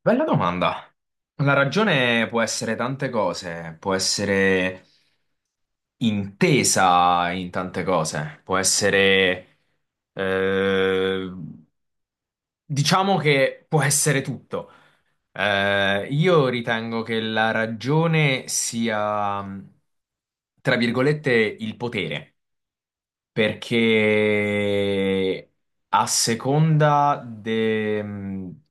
Bella domanda. La ragione può essere tante cose, può essere intesa in tante cose, può essere, eh, diciamo che può essere tutto. Io ritengo che la ragione sia, tra virgolette, il potere, perché a seconda de- mhmm,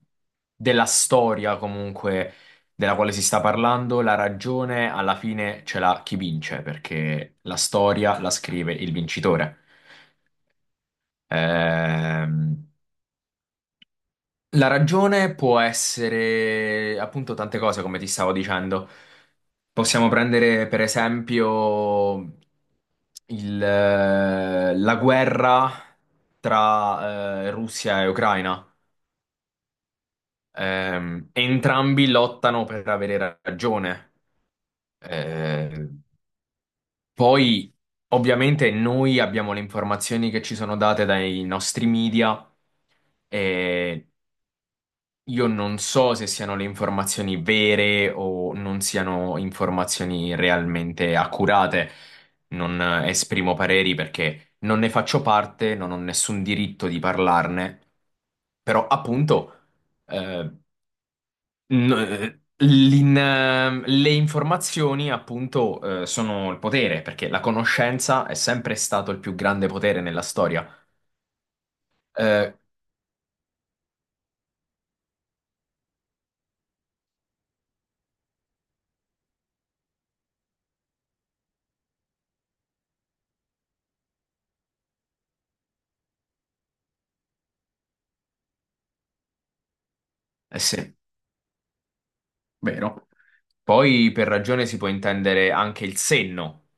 della storia comunque della quale si sta parlando, la ragione alla fine ce l'ha chi vince, perché la storia la scrive il vincitore. Ehm, la ragione può essere appunto tante cose, come ti stavo dicendo. Possiamo prendere per esempio la guerra tra Russia e Ucraina. Entrambi lottano per avere ragione. Ehm, poi, ovviamente, noi abbiamo le informazioni che ci sono date dai nostri media. E io non so se siano le informazioni vere o non siano informazioni realmente accurate. Non esprimo pareri perché non ne faccio parte, non ho nessun diritto di parlarne. Però, appunto, eh, le informazioni, appunto, sono il potere, perché la conoscenza è sempre stato il più grande potere nella storia. Eh, eh sì, vero. Poi per ragione si può intendere anche il senno,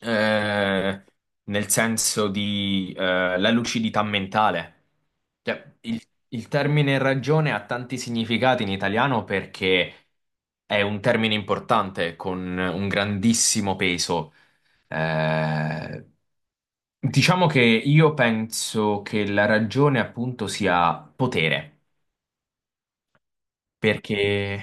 eh, nel senso di la lucidità mentale. Cioè, il termine ragione ha tanti significati in italiano perché è un termine importante con un grandissimo peso. Eh, diciamo che io penso che la ragione appunto sia potere, perché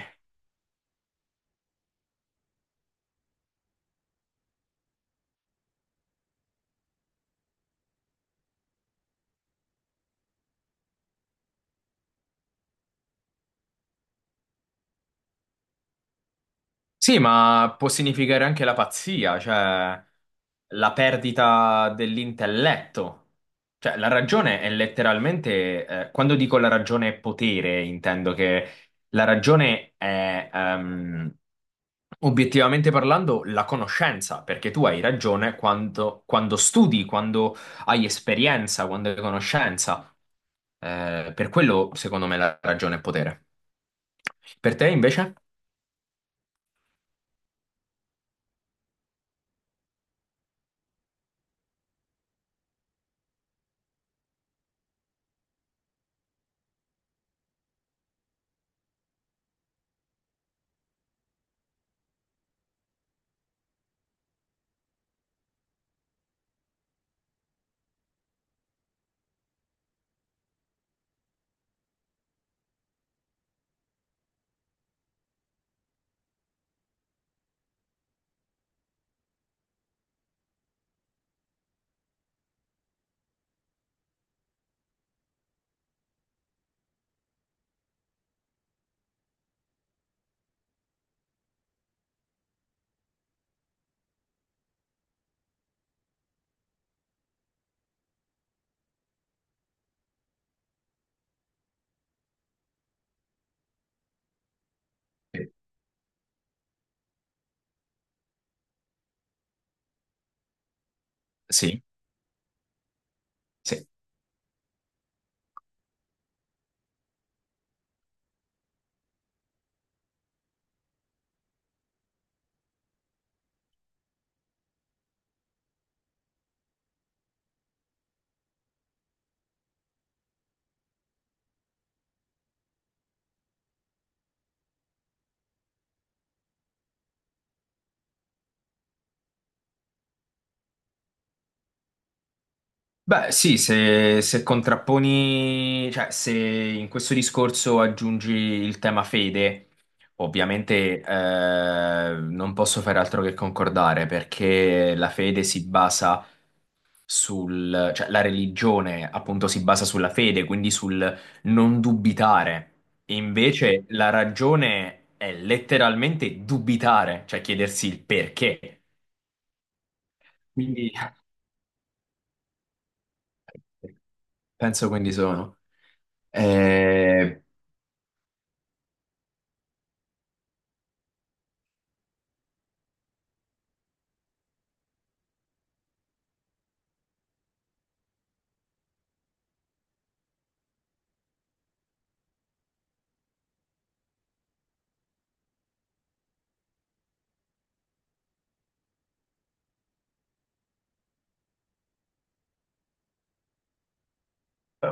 sì, ma può significare anche la pazzia, cioè la perdita dell'intelletto. Cioè, la ragione è letteralmente, quando dico la ragione è potere, intendo che la ragione è, obiettivamente parlando, la conoscenza, perché tu hai ragione quando, quando studi, quando hai esperienza, quando hai conoscenza. Per quello, secondo me, la ragione è potere. Per te, invece? Sì, sì. Beh, sì, se, se contrapponi, cioè se in questo discorso aggiungi il tema fede, ovviamente non posso fare altro che concordare perché la fede si basa sul, cioè la religione appunto si basa sulla fede, quindi sul non dubitare. Invece la ragione è letteralmente dubitare, cioè chiedersi il perché. Quindi penso quindi sono. Eh,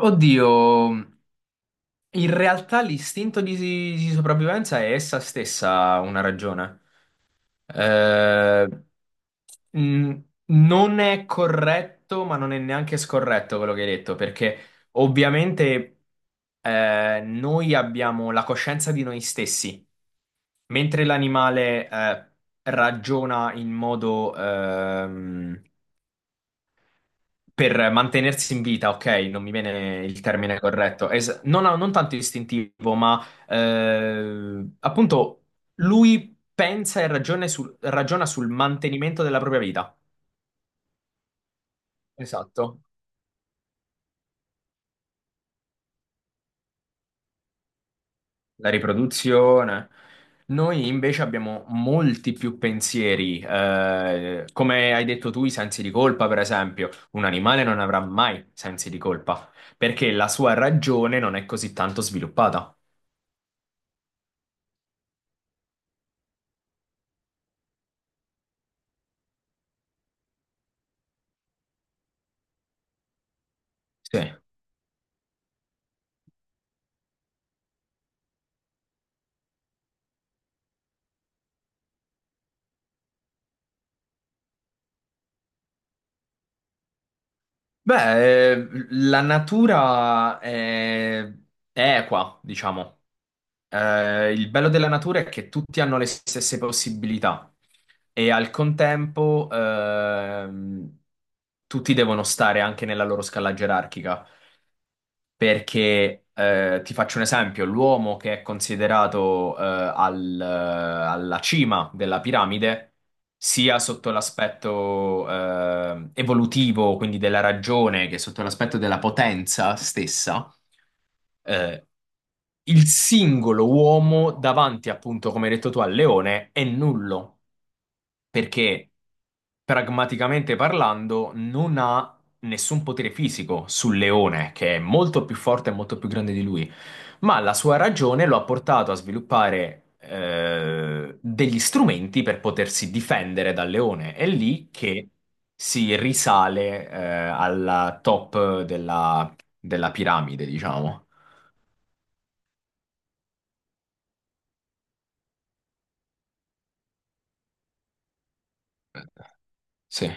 oddio, in realtà l'istinto di sopravvivenza è essa stessa una ragione. Eh, mh, non è corretto, ma non è neanche scorretto quello che hai detto, perché ovviamente noi abbiamo la coscienza di noi stessi, mentre l'animale ragiona in modo per mantenersi in vita, ok, non mi viene il termine corretto, non tanto istintivo, ma appunto lui pensa e ragione ragiona sul mantenimento della propria vita. Esatto. La riproduzione. Noi invece abbiamo molti più pensieri, come hai detto tu, i sensi di colpa, per esempio. Un animale non avrà mai sensi di colpa perché la sua ragione non è così tanto sviluppata. Sì. Beh, la natura è equa, diciamo. Il bello della natura è che tutti hanno le stesse possibilità e al contempo tutti devono stare anche nella loro scala gerarchica. Perché ti faccio un esempio, l'uomo che è considerato alla cima della piramide, sia sotto l'aspetto evolutivo, quindi della ragione, che sotto l'aspetto della potenza stessa, eh, il singolo uomo davanti, appunto, come hai detto tu, al leone è nullo, perché pragmaticamente parlando non ha nessun potere fisico sul leone, che è molto più forte e molto più grande di lui, ma la sua ragione lo ha portato a sviluppare degli strumenti per potersi difendere dal leone. È lì che si risale alla top della, della piramide, diciamo. Sì.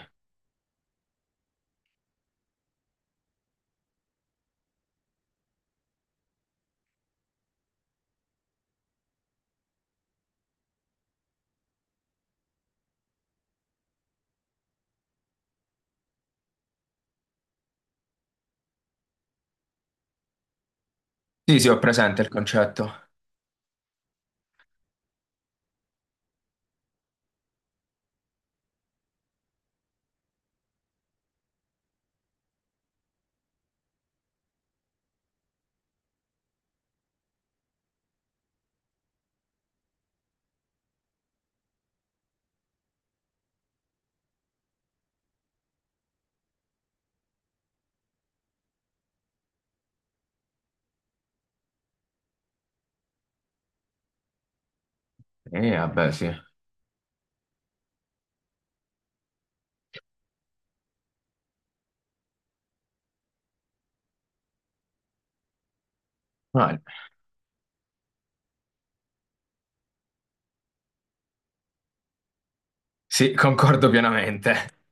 Sì, sì, ho presente il concetto. Vabbè, sì. Ah, sì, concordo pienamente.